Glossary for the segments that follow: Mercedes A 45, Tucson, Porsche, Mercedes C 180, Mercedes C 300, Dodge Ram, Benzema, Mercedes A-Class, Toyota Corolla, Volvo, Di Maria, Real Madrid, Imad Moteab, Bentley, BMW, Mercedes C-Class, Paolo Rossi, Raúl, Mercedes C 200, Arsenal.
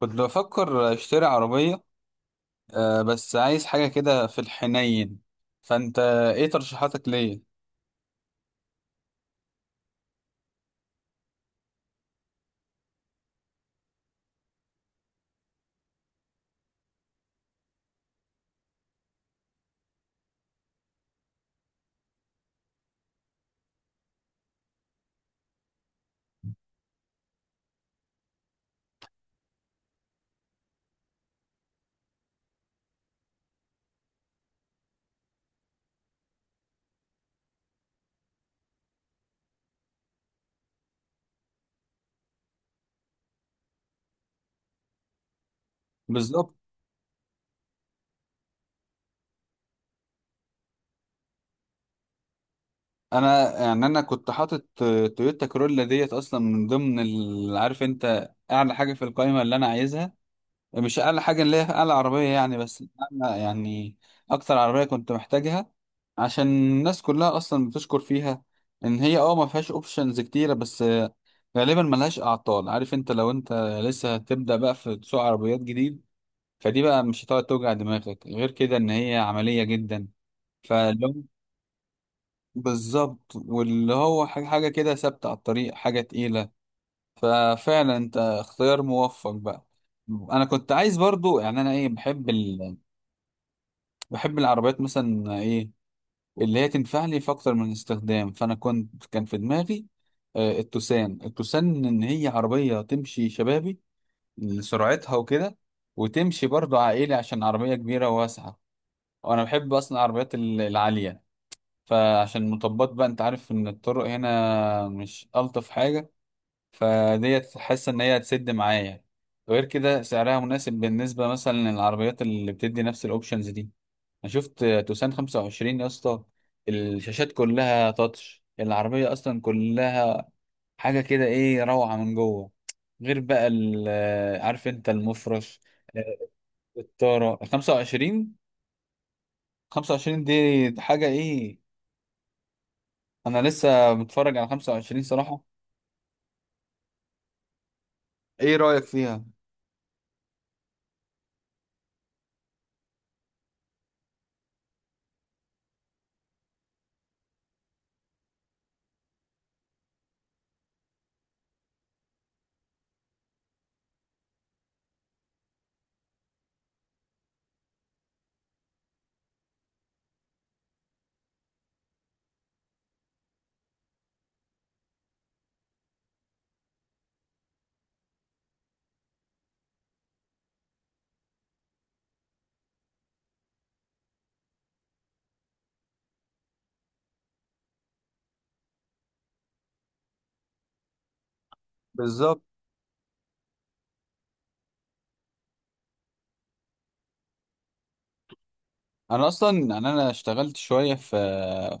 كنت بفكر اشتري عربية. بس عايز حاجة كده في الحنين. فانت، ايه ترشيحاتك ليا؟ بالظبط. انا يعني انا كنت حاطط تويوتا كرولا ديت اصلا من ضمن عارف انت اعلى حاجة في القائمة اللي انا عايزها، مش اقل حاجه اللي هي اقل عربيه يعني، بس أنا يعني اكتر عربيه كنت محتاجها. عشان الناس كلها اصلا بتشكر فيها ان هي، ما فيهاش اوبشنز كتيره، بس غالبا ملهاش اعطال. عارف انت؟ لو انت لسه هتبدا بقى في سوق عربيات جديد، فدي بقى مش هتقعد توجع دماغك، غير كده ان هي عمليه جدا. فلو... بالظبط، واللي هو حاجة كده ثابته على الطريق، حاجه تقيله. ففعلا انت اختيار موفق بقى. انا كنت عايز برضو، يعني انا ايه، بحب بحب العربيات مثلا، ايه اللي هي تنفع لي في اكتر من استخدام. فانا كان في دماغي التوسان. ان هي عربية تمشي شبابي لسرعتها وكده، وتمشي برضو عائلي عشان عربية كبيرة وواسعة. وانا بحب اصلا العربيات العالية، فعشان المطبات بقى، انت عارف ان الطرق هنا مش الطف حاجة. فديت حاسة ان هي هتسد معايا. غير كده سعرها مناسب بالنسبة مثلا للعربيات اللي بتدي نفس الاوبشنز دي. انا شفت توسان 25 يا اسطى، الشاشات كلها تاتش، العربيه اصلا كلها حاجه كده ايه، روعه من جوه. غير بقى عارف انت المفرش، الطاره. 25، 25 دي حاجه ايه. انا لسه متفرج على 25 صراحه. ايه رايك فيها؟ بالظبط. انا اصلا يعني انا اشتغلت شويه في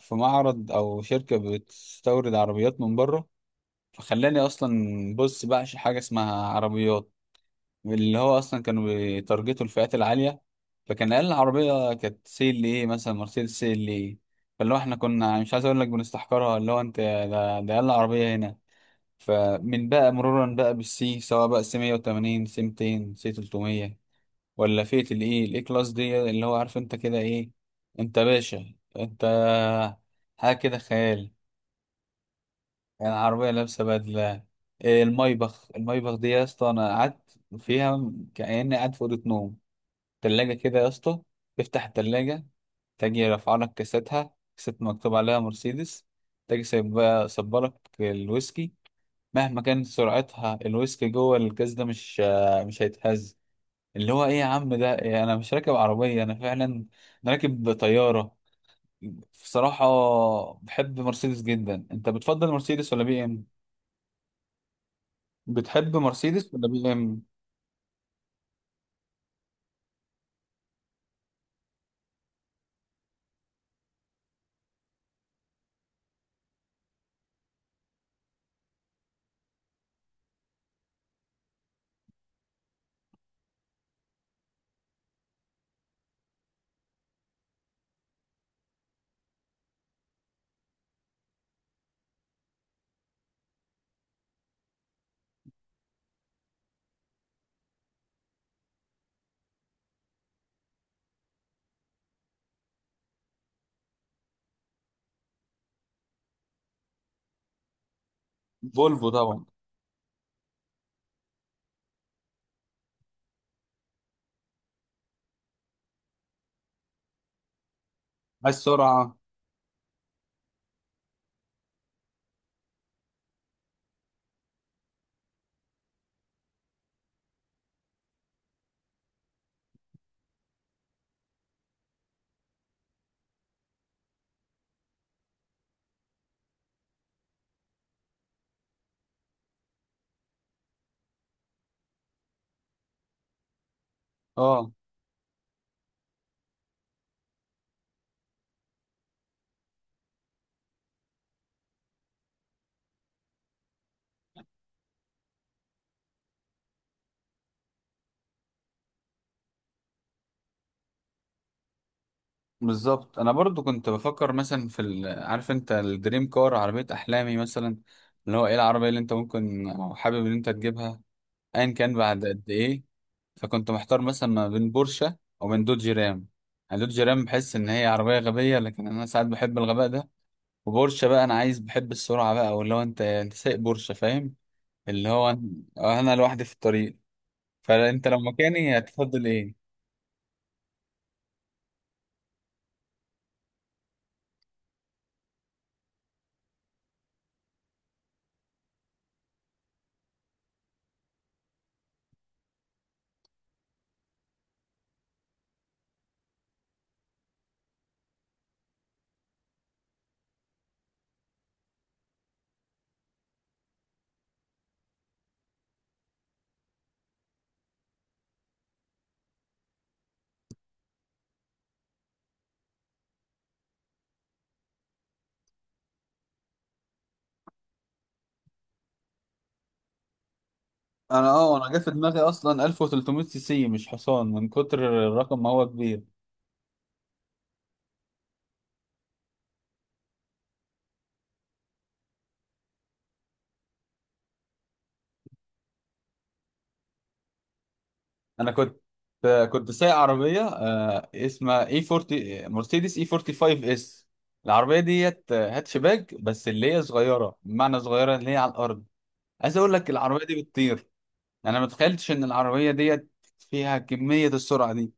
في معرض او شركه بتستورد عربيات من بره، فخلاني اصلا، بص، بعشق حاجه اسمها عربيات. اللي هو اصلا كانوا بيتارجتوا الفئات العاليه، فكان اقل عربيه كانت سي ال ايه، مثلا مرسيدس سي ال ايه. فاللي هو احنا كنا مش عايز اقول لك بنستحقرها، اللي هو انت ده اقل عربيه هنا. فمن بقى مرورا بقى بالسي، سواء بقى سي 180 سي 200 سي 300، ولا فئه الايه، الاي كلاس دي، اللي هو عارف انت كده ايه، انت باشا انت، حاجه كده خيال. يعني عربيه لابسه بدله. إيه المايبخ دي يا اسطى! انا قعدت فيها كأني قاعد في اوضه نوم. تلاجة كده يا اسطى، افتح التلاجة تجي رافعة لك كاستها، كاسات مكتوب عليها مرسيدس. تجي سايبة صبلك الويسكي، مهما كانت سرعتها الويسكي جوه الكاس ده مش هيتهز. اللي هو ايه يا عم، ده إيه! انا مش راكب عربية، انا فعلا انا راكب طيارة. بصراحة بحب مرسيدس جدا. انت بتفضل مرسيدس ولا بي ام؟ بتحب مرسيدس ولا بي ام؟ فولفو طبعا. عايز سرعة. اه، بالظبط. انا برضو كنت بفكر مثلا في عارف انت الدريم كار، عربيه احلامي مثلا، اللي هو ايه العربيه اللي انت ممكن او حابب ان انت تجيبها ايا كان بعد قد ايه. فكنت محتار مثلا ما بين بورشه او من دوج رام. يعني دوج رام بحس ان هي عربيه غبيه، لكن انا ساعات بحب الغباء ده. وبورشه بقى، انا عايز، بحب السرعه بقى، او اللي هو انت سايق بورشه فاهم، اللي هو انا لوحدي في الطريق. فانت لو مكاني هتفضل ايه؟ انا جه في دماغي اصلا 1300 سي سي مش حصان، من كتر الرقم ما هو كبير. انا كنت سايق عربيه اسمها اي 40 مرسيدس، اي 45 اس. العربيه ديت هاتشباك، بس اللي هي صغيره، بمعنى صغيره اللي هي على الارض. عايز اقول لك العربيه دي بتطير. انا ما تخيلتش ان العربيه ديت فيها كميه السرعه دي.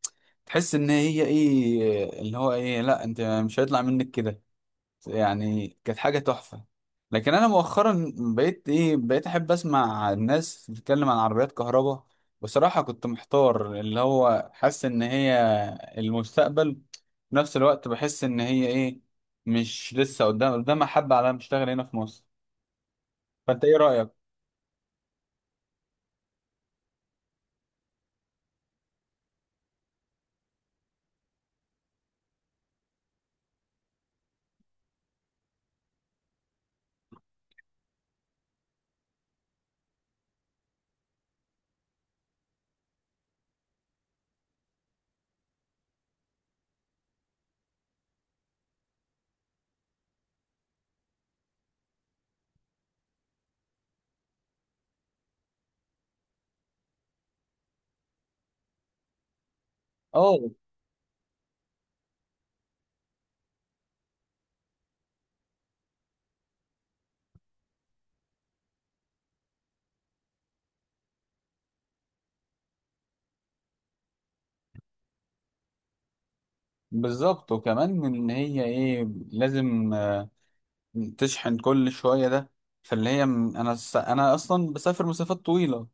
تحس ان هي ايه اللي هو ايه، لا انت مش هيطلع منك كده. يعني كانت حاجة تحفة. لكن أنا مؤخرا بقيت إيه، بقيت أحب أسمع الناس بتتكلم عن عربيات كهرباء. بصراحة كنت محتار، اللي هو حاسس إن هي المستقبل، في نفس الوقت بحس إن هي إيه، مش لسه قدامها حبة على ما تشتغل هنا في مصر. فأنت إيه رأيك؟ اه، بالظبط. وكمان إن هي إيه، لازم تشحن كل شوية ده. فاللي هي انا اصلا بسافر مسافات طويلة.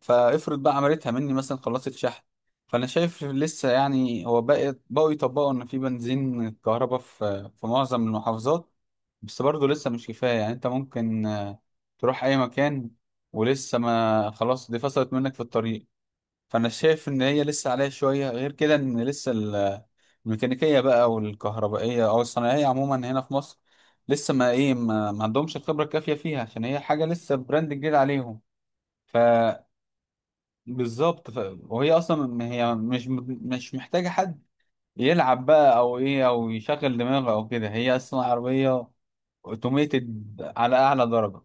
فافرض بقى عملتها مني، مثلا خلصت شحن. فانا شايف، لسه يعني، هو بقى بقوا يطبقوا ان في بنزين كهرباء في في معظم المحافظات، بس برضه لسه مش كفاية. يعني انت ممكن تروح اي مكان ولسه، ما خلاص دي فصلت منك في الطريق. فانا شايف ان هي لسه عليها شوية، غير كده ان لسه الميكانيكية بقى والكهربائية، أو الصناعية عموما هنا في مصر، لسه ما إيه ما, ما عندهمش الخبرة الكافية فيها، عشان هي حاجة لسه براند جديد عليهم. فبالظبط. ف... وهي أصلا هي مش محتاجة حد يلعب بقى أو إيه، أو يشغل دماغه أو كده. هي أصلا عربية اوتوميتد على أعلى درجة.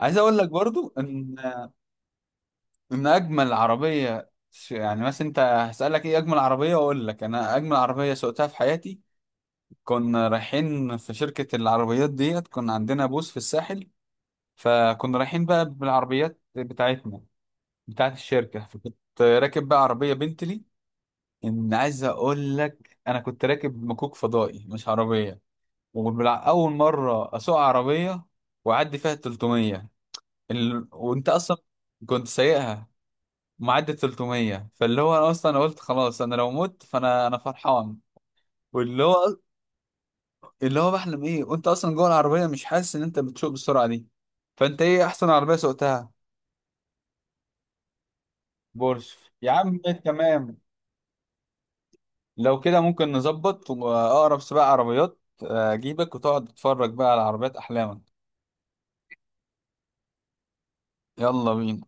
عايز أقول لك برضو إن أجمل عربية يعني مثلا أنت هسألك إيه أجمل عربية، أقول لك أنا أجمل عربية سوقتها في حياتي. كنا رايحين في شركة العربيات ديت، كنا عندنا بوث في الساحل، فكنا رايحين بقى بالعربيات بتاعتنا، بتاعت الشركة. فكنت راكب بقى عربية بنتلي. إن عايز أقول لك أنا كنت راكب مكوك فضائي مش عربية. وأول مرة أسوق عربية وأعدي فيها 300، وأنت أصلا كنت سايقها، معدي 300. فاللي هو أنا أصلا قلت خلاص، أنا لو مت فأنا أنا فرحان. واللي هو، اللي هو بحلم ايه، وانت اصلا جوه العربيه مش حاسس ان انت بتسوق بالسرعه دي. فانت ايه احسن عربيه سوقتها؟ بورش. يا عم تمام، لو كده ممكن نظبط واقرب سباق عربيات اجيبك وتقعد تتفرج بقى على عربيات احلامك. يلا بينا.